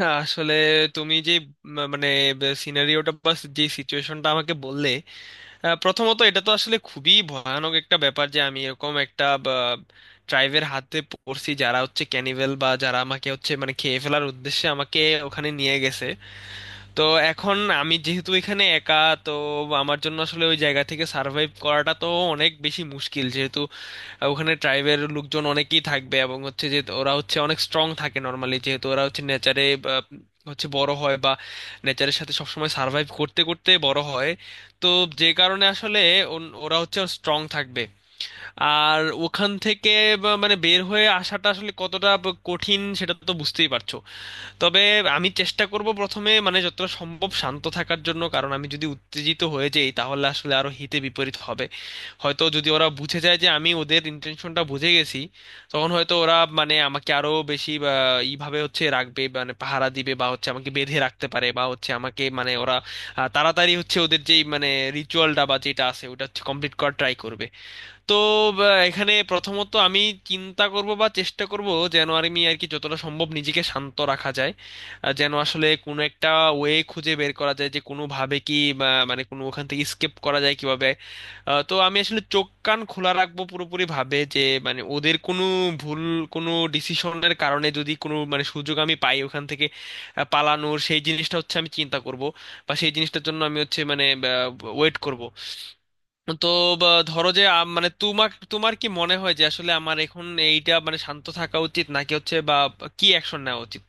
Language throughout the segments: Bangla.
না, আসলে তুমি যে মানে সিনারিওটা বা যে সিচুয়েশনটা আমাকে বললে, প্রথমত এটা তো আসলে খুবই ভয়ানক একটা ব্যাপার যে আমি এরকম একটা ট্রাইবের হাতে পড়ছি যারা হচ্ছে ক্যানিভেল, বা যারা আমাকে হচ্ছে মানে খেয়ে ফেলার উদ্দেশ্যে আমাকে ওখানে নিয়ে গেছে। তো এখন আমি যেহেতু এখানে একা, তো আমার জন্য আসলে ওই জায়গা থেকে সার্ভাইভ করাটা তো অনেক বেশি মুশকিল, যেহেতু আর ওখানে ট্রাইবের লোকজন অনেকেই থাকবে, এবং হচ্ছে যে ওরা হচ্ছে অনেক স্ট্রং থাকে নর্মালি যেহেতু ওরা হচ্ছে নেচারে হচ্ছে বড় হয়, বা নেচারের সাথে সবসময় সার্ভাইভ করতে করতে বড় হয়। তো যে কারণে আসলে ওরা হচ্ছে স্ট্রং থাকবে। আর ওখান থেকে মানে বের হয়ে আসাটা আসলে কতটা কঠিন সেটা তো বুঝতেই পারছো। তবে আমি চেষ্টা করব প্রথমে মানে যতটা সম্ভব শান্ত থাকার জন্য, কারণ আমি যদি উত্তেজিত হয়ে যাই তাহলে আসলে আরো হিতে বিপরীত হবে। হয়তো যদি ওরা বুঝে যায় যে আমি ওদের ইন্টেনশনটা বুঝে গেছি, তখন হয়তো ওরা মানে আমাকে আরো বেশি এইভাবে হচ্ছে রাখবে, মানে পাহারা দিবে, বা হচ্ছে আমাকে বেঁধে রাখতে পারে, বা হচ্ছে আমাকে মানে ওরা তাড়াতাড়ি হচ্ছে ওদের যেই মানে রিচুয়ালটা বা যেটা আছে ওটা হচ্ছে কমপ্লিট করার ট্রাই করবে। তো এখানে প্রথমত আমি চিন্তা করব বা চেষ্টা করব যেন, আর আমি আর কি যতটা সম্ভব নিজেকে শান্ত রাখা যায়, যেন আসলে কোনো একটা ওয়ে খুঁজে বের করা যায় যে কোনোভাবে কি মানে কোনো ওখান থেকে স্কেপ করা যায় কিভাবে। তো আমি আসলে চোখ কান খোলা রাখবো পুরোপুরি ভাবে যে মানে ওদের কোনো ভুল, কোনো ডিসিশনের কারণে যদি কোনো মানে সুযোগ আমি পাই ওখান থেকে পালানোর, সেই জিনিসটা হচ্ছে আমি চিন্তা করব, বা সেই জিনিসটার জন্য আমি হচ্ছে মানে ওয়েট করব। তো ধরো যে মানে তোমার তোমার কি মনে হয় যে আসলে আমার এখন এইটা মানে শান্ত থাকা উচিত নাকি হচ্ছে বা কি অ্যাকশন নেওয়া উচিত?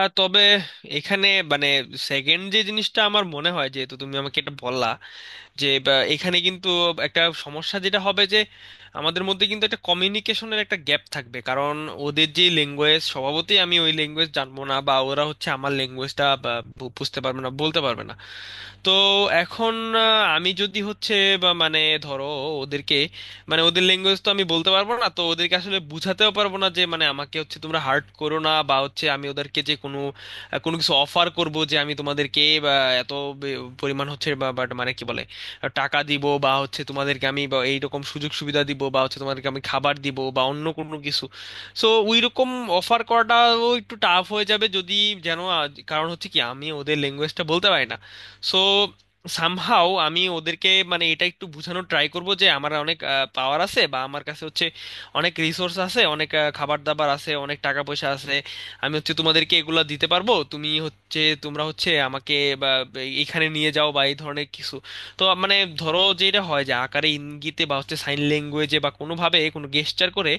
তবে এখানে মানে সেকেন্ড যে জিনিসটা আমার মনে হয়, যেহেতু তুমি আমাকে এটা বললা যে এখানে কিন্তু একটা সমস্যা যেটা হবে যে আমাদের মধ্যে কিন্তু একটা কমিউনিকেশনের একটা গ্যাপ থাকবে, কারণ ওদের যে ল্যাঙ্গুয়েজ স্বভাবতই আমি ওই ল্যাঙ্গুয়েজ জানবো না, বা ওরা হচ্ছে আমার ল্যাঙ্গুয়েজটা বুঝতে পারবে না, বলতে পারবে না। তো এখন আমি যদি হচ্ছে বা মানে, ধরো, ওদেরকে মানে ওদের ল্যাঙ্গুয়েজ তো আমি বলতে পারবো না, তো ওদেরকে আসলে বুঝাতেও পারবো না যে মানে আমাকে হচ্ছে তোমরা হার্ট করো না, বা হচ্ছে আমি ওদেরকে যে কোনো কোনো কিছু অফার করব যে আমি তোমাদেরকে বা এত পরিমাণ হচ্ছে বা বাট মানে কি বলে টাকা দিব, বা হচ্ছে তোমাদেরকে আমি বা এইরকম সুযোগ সুবিধা দিব, বা হচ্ছে তোমাদেরকে আমি খাবার দিব বা অন্য কোনো কিছু। সো ওই রকম অফার করাটাও একটু টাফ হয়ে যাবে যদি যেন, কারণ হচ্ছে কি আমি ওদের ল্যাঙ্গুয়েজটা বলতে পারি না। সো সামহাও আমি ওদেরকে মানে এটা একটু বোঝানোর ট্রাই করব যে আমার অনেক পাওয়ার আছে, বা আমার কাছে হচ্ছে অনেক রিসোর্স আছে, অনেক খাবার দাবার আছে, অনেক টাকা পয়সা আছে, আমি হচ্ছে তোমাদেরকে এগুলা দিতে পারবো, তুমি হচ্ছে তোমরা হচ্ছে আমাকে বা এখানে নিয়ে যাও, বা এই ধরনের কিছু। তো মানে ধরো যে এটা হয় যে আকারে ইঙ্গিতে বা হচ্ছে সাইন ল্যাঙ্গুয়েজে বা কোনোভাবে কোনো গেস্টার করে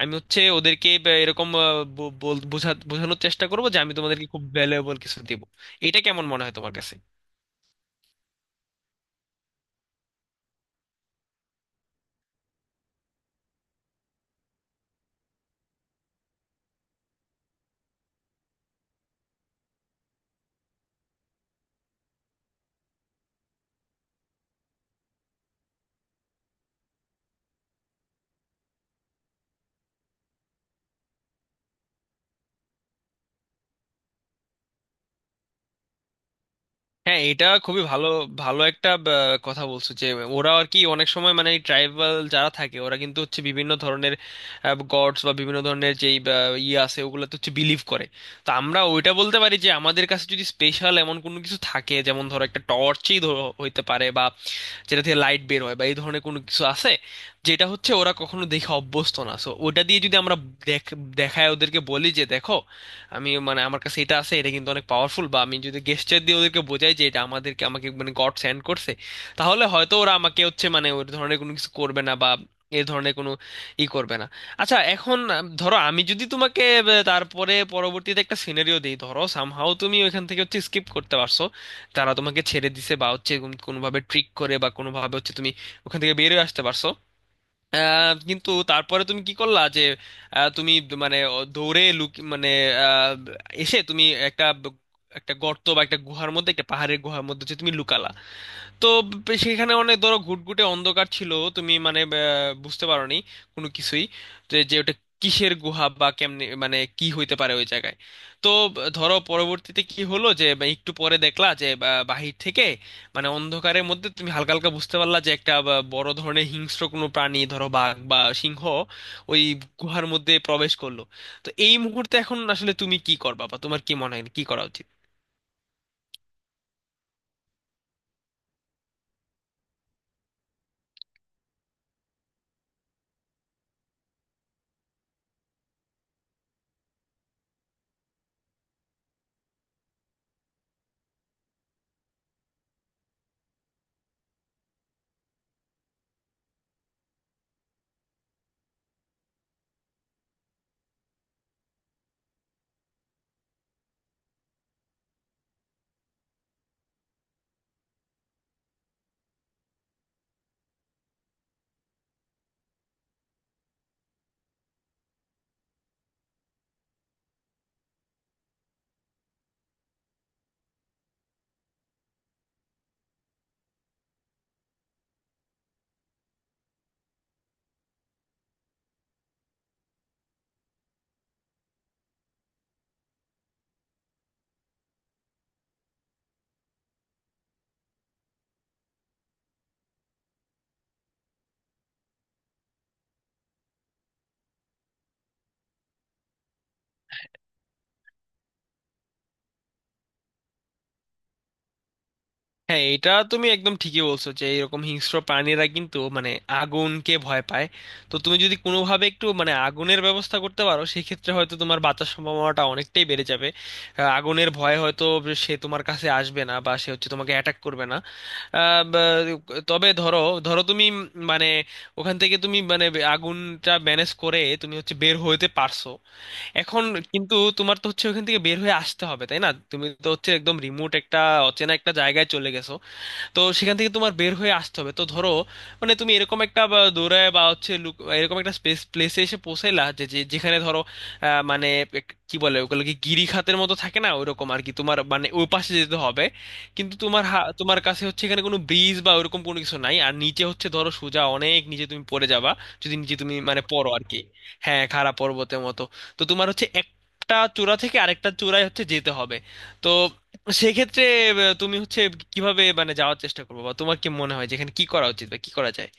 আমি হচ্ছে ওদেরকে বা এরকম বোঝানোর চেষ্টা করবো যে আমি তোমাদেরকে খুব ভ্যালুয়েবল কিছু দেবো। এটা কেমন মনে হয় তোমার কাছে? হ্যাঁ, এটা খুবই ভালো, ভালো একটা কথা বলছো যে ওরা আর কি অনেক সময় মানে ট্রাইবাল যারা থাকে, ওরা কিন্তু হচ্ছে বিভিন্ন ধরনের গডস বা বিভিন্ন ধরনের যেই ইয়ে আছে ওগুলো তো হচ্ছে বিলিভ করে। তো আমরা ওইটা বলতে পারি যে আমাদের কাছে যদি স্পেশাল এমন কোনো কিছু থাকে, যেমন ধরো একটা টর্চই হইতে পারে, বা যেটা থেকে লাইট বের হয় বা এই ধরনের কোনো কিছু আছে যেটা হচ্ছে ওরা কখনো দেখে অভ্যস্ত না, সো ওটা দিয়ে যদি আমরা দেখায় ওদেরকে বলি যে, দেখো, আমি মানে আমার কাছে এটা আছে, এটা কিন্তু অনেক পাওয়ারফুল, বা আমি যদি গেস্টার দিয়ে ওদেরকে বোঝাই যে এটা আমাদেরকে আমাকে মানে গড সেন্ড করছে, তাহলে হয়তো ওরা আমাকে হচ্ছে মানে ওই ধরনের কোনো কিছু করবে না, বা এই ধরনের কোনো ই করবে না। আচ্ছা, এখন ধরো আমি যদি তোমাকে তারপরে পরবর্তীতে একটা সিনারিও দিই, ধরো সামহাও তুমি ওইখান থেকে হচ্ছে স্কিপ করতে পারছো, তারা তোমাকে ছেড়ে দিছে বা হচ্ছে কোনোভাবে ট্রিক করে বা কোনোভাবে হচ্ছে তুমি ওখান থেকে বেরিয়ে আসতে পারছো। কিন্তু তারপরে তুমি কি করলা যে তুমি মানে দৌড়ে লুক মানে আহ, এসে তুমি একটা একটা গর্ত বা একটা গুহার মধ্যে, একটা পাহাড়ের গুহার মধ্যে যে তুমি লুকালা। তো সেখানে অনেক ধরো ঘুটঘুটে অন্ধকার ছিল, তুমি মানে বুঝতে পারোনি কোনো কিছুই যে যে ওটা কিসের গুহা বা কেমনে মানে কি হইতে পারে ওই জায়গায়। তো ধরো পরবর্তীতে কি হলো যে বা একটু পরে দেখলা যে বাহির থেকে মানে অন্ধকারের মধ্যে তুমি হালকা হালকা বুঝতে পারলা যে একটা বড় ধরনের হিংস্র কোনো প্রাণী, ধরো বাঘ বা সিংহ, ওই গুহার মধ্যে প্রবেশ করলো। তো এই মুহূর্তে এখন আসলে তুমি কি করবা, বা তোমার কি মনে হয় কি করা উচিত? হ্যাঁ, এটা তুমি একদম ঠিকই বলছো যে এরকম হিংস্র প্রাণীরা কিন্তু মানে আগুনকে ভয় পায়। তো তুমি যদি কোনোভাবে একটু মানে আগুনের ব্যবস্থা করতে পারো, সেক্ষেত্রে হয়তো তোমার বাঁচার সম্ভাবনাটা অনেকটাই বেড়ে যাবে। আগুনের ভয়ে হয়তো সে তোমার কাছে আসবে না, বা সে হচ্ছে তোমাকে অ্যাটাক করবে না। আহ, বা- তবে ধরো ধরো তুমি মানে ওখান থেকে তুমি মানে আগুনটা ম্যানেজ করে তুমি হচ্ছে বের হইতে পারছো। এখন কিন্তু তোমার তো হচ্ছে ওখান থেকে বের হয়ে আসতে হবে তাই না? তুমি তো হচ্ছে একদম রিমোট একটা, অচেনা একটা জায়গায় চলে গেছো, তো সেখান থেকে তোমার বের হয়ে আসতে হবে। তো ধরো মানে তুমি এরকম একটা দৌড়ায় বা হচ্ছে লুক- এরকম একটা স্পেস প্লেসে এসে পৌঁছাইলা যে যে- যেখানে ধরো মানে কি বলে ওগুলোকে, গিরিখাতের মতো থাকে না, ওইরকম আর কি, তোমার মানে ওই পাশে যেতে হবে। কিন্তু তোমার কাছে হচ্ছে এখানে কোনো ব্রিজ বা ওরকম কোনো কিছু নাই, আর নিচে হচ্ছে ধরো সোজা অনেক নিচে তুমি পড়ে যাবা যদি নিচে তুমি মানে পড়ো আর কি। হ্যাঁ, খাড়া পর্বতের মতো। তো তোমার হচ্ছে একটা চূড়া থেকে আরেকটা চূড়ায় হচ্ছে যেতে হবে। তো সেক্ষেত্রে তুমি হচ্ছে কিভাবে মানে যাওয়ার চেষ্টা করবো, বা তোমার কি মনে হয় যেখানে কি করা উচিত বা কি করা যায়?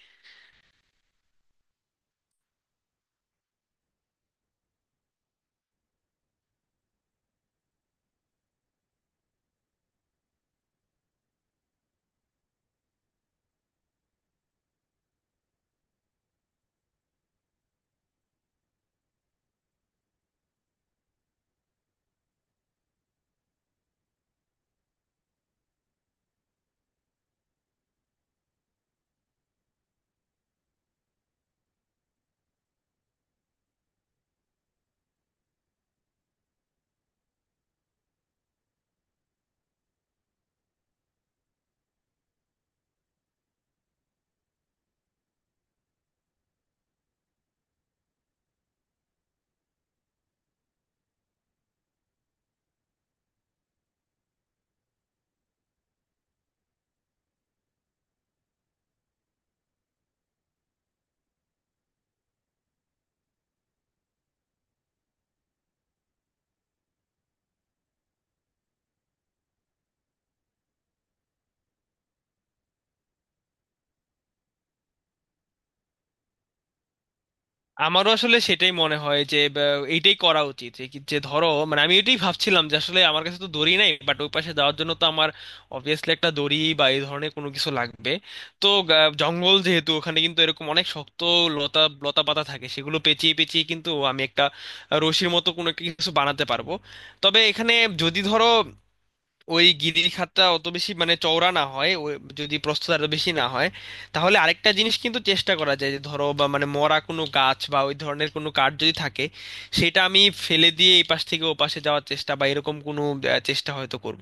আমারও আসলে সেটাই মনে হয় যে এইটাই করা উচিত যে যে ধরো মানে আমি এটাই ভাবছিলাম যে আসলে আমার কাছে তো দড়ি নাই, বাট ওই পাশে যাওয়ার জন্য তো আমার অবভিয়াসলি একটা দড়ি বা এই ধরনের কোনো কিছু লাগবে। তো জঙ্গল যেহেতু ওখানে কিন্তু এরকম অনেক শক্ত লতা, লতা পাতা থাকে, সেগুলো পেঁচিয়ে পেঁচিয়ে কিন্তু আমি একটা রশির মতো কোনো একটা কিছু বানাতে পারবো। তবে এখানে যদি ধরো ওই গিরিল খাতটা অত বেশি মানে চওড়া না হয়, ওই যদি প্রস্থতা এত বেশি না হয়, তাহলে আরেকটা জিনিস কিন্তু চেষ্টা করা যায় যে ধরো, বা মানে, মরা কোনো গাছ বা ওই ধরনের কোনো কাঠ যদি থাকে, সেটা আমি ফেলে দিয়ে এই পাশ থেকে ও পাশে যাওয়ার চেষ্টা বা এরকম কোনো চেষ্টা হয়তো করব।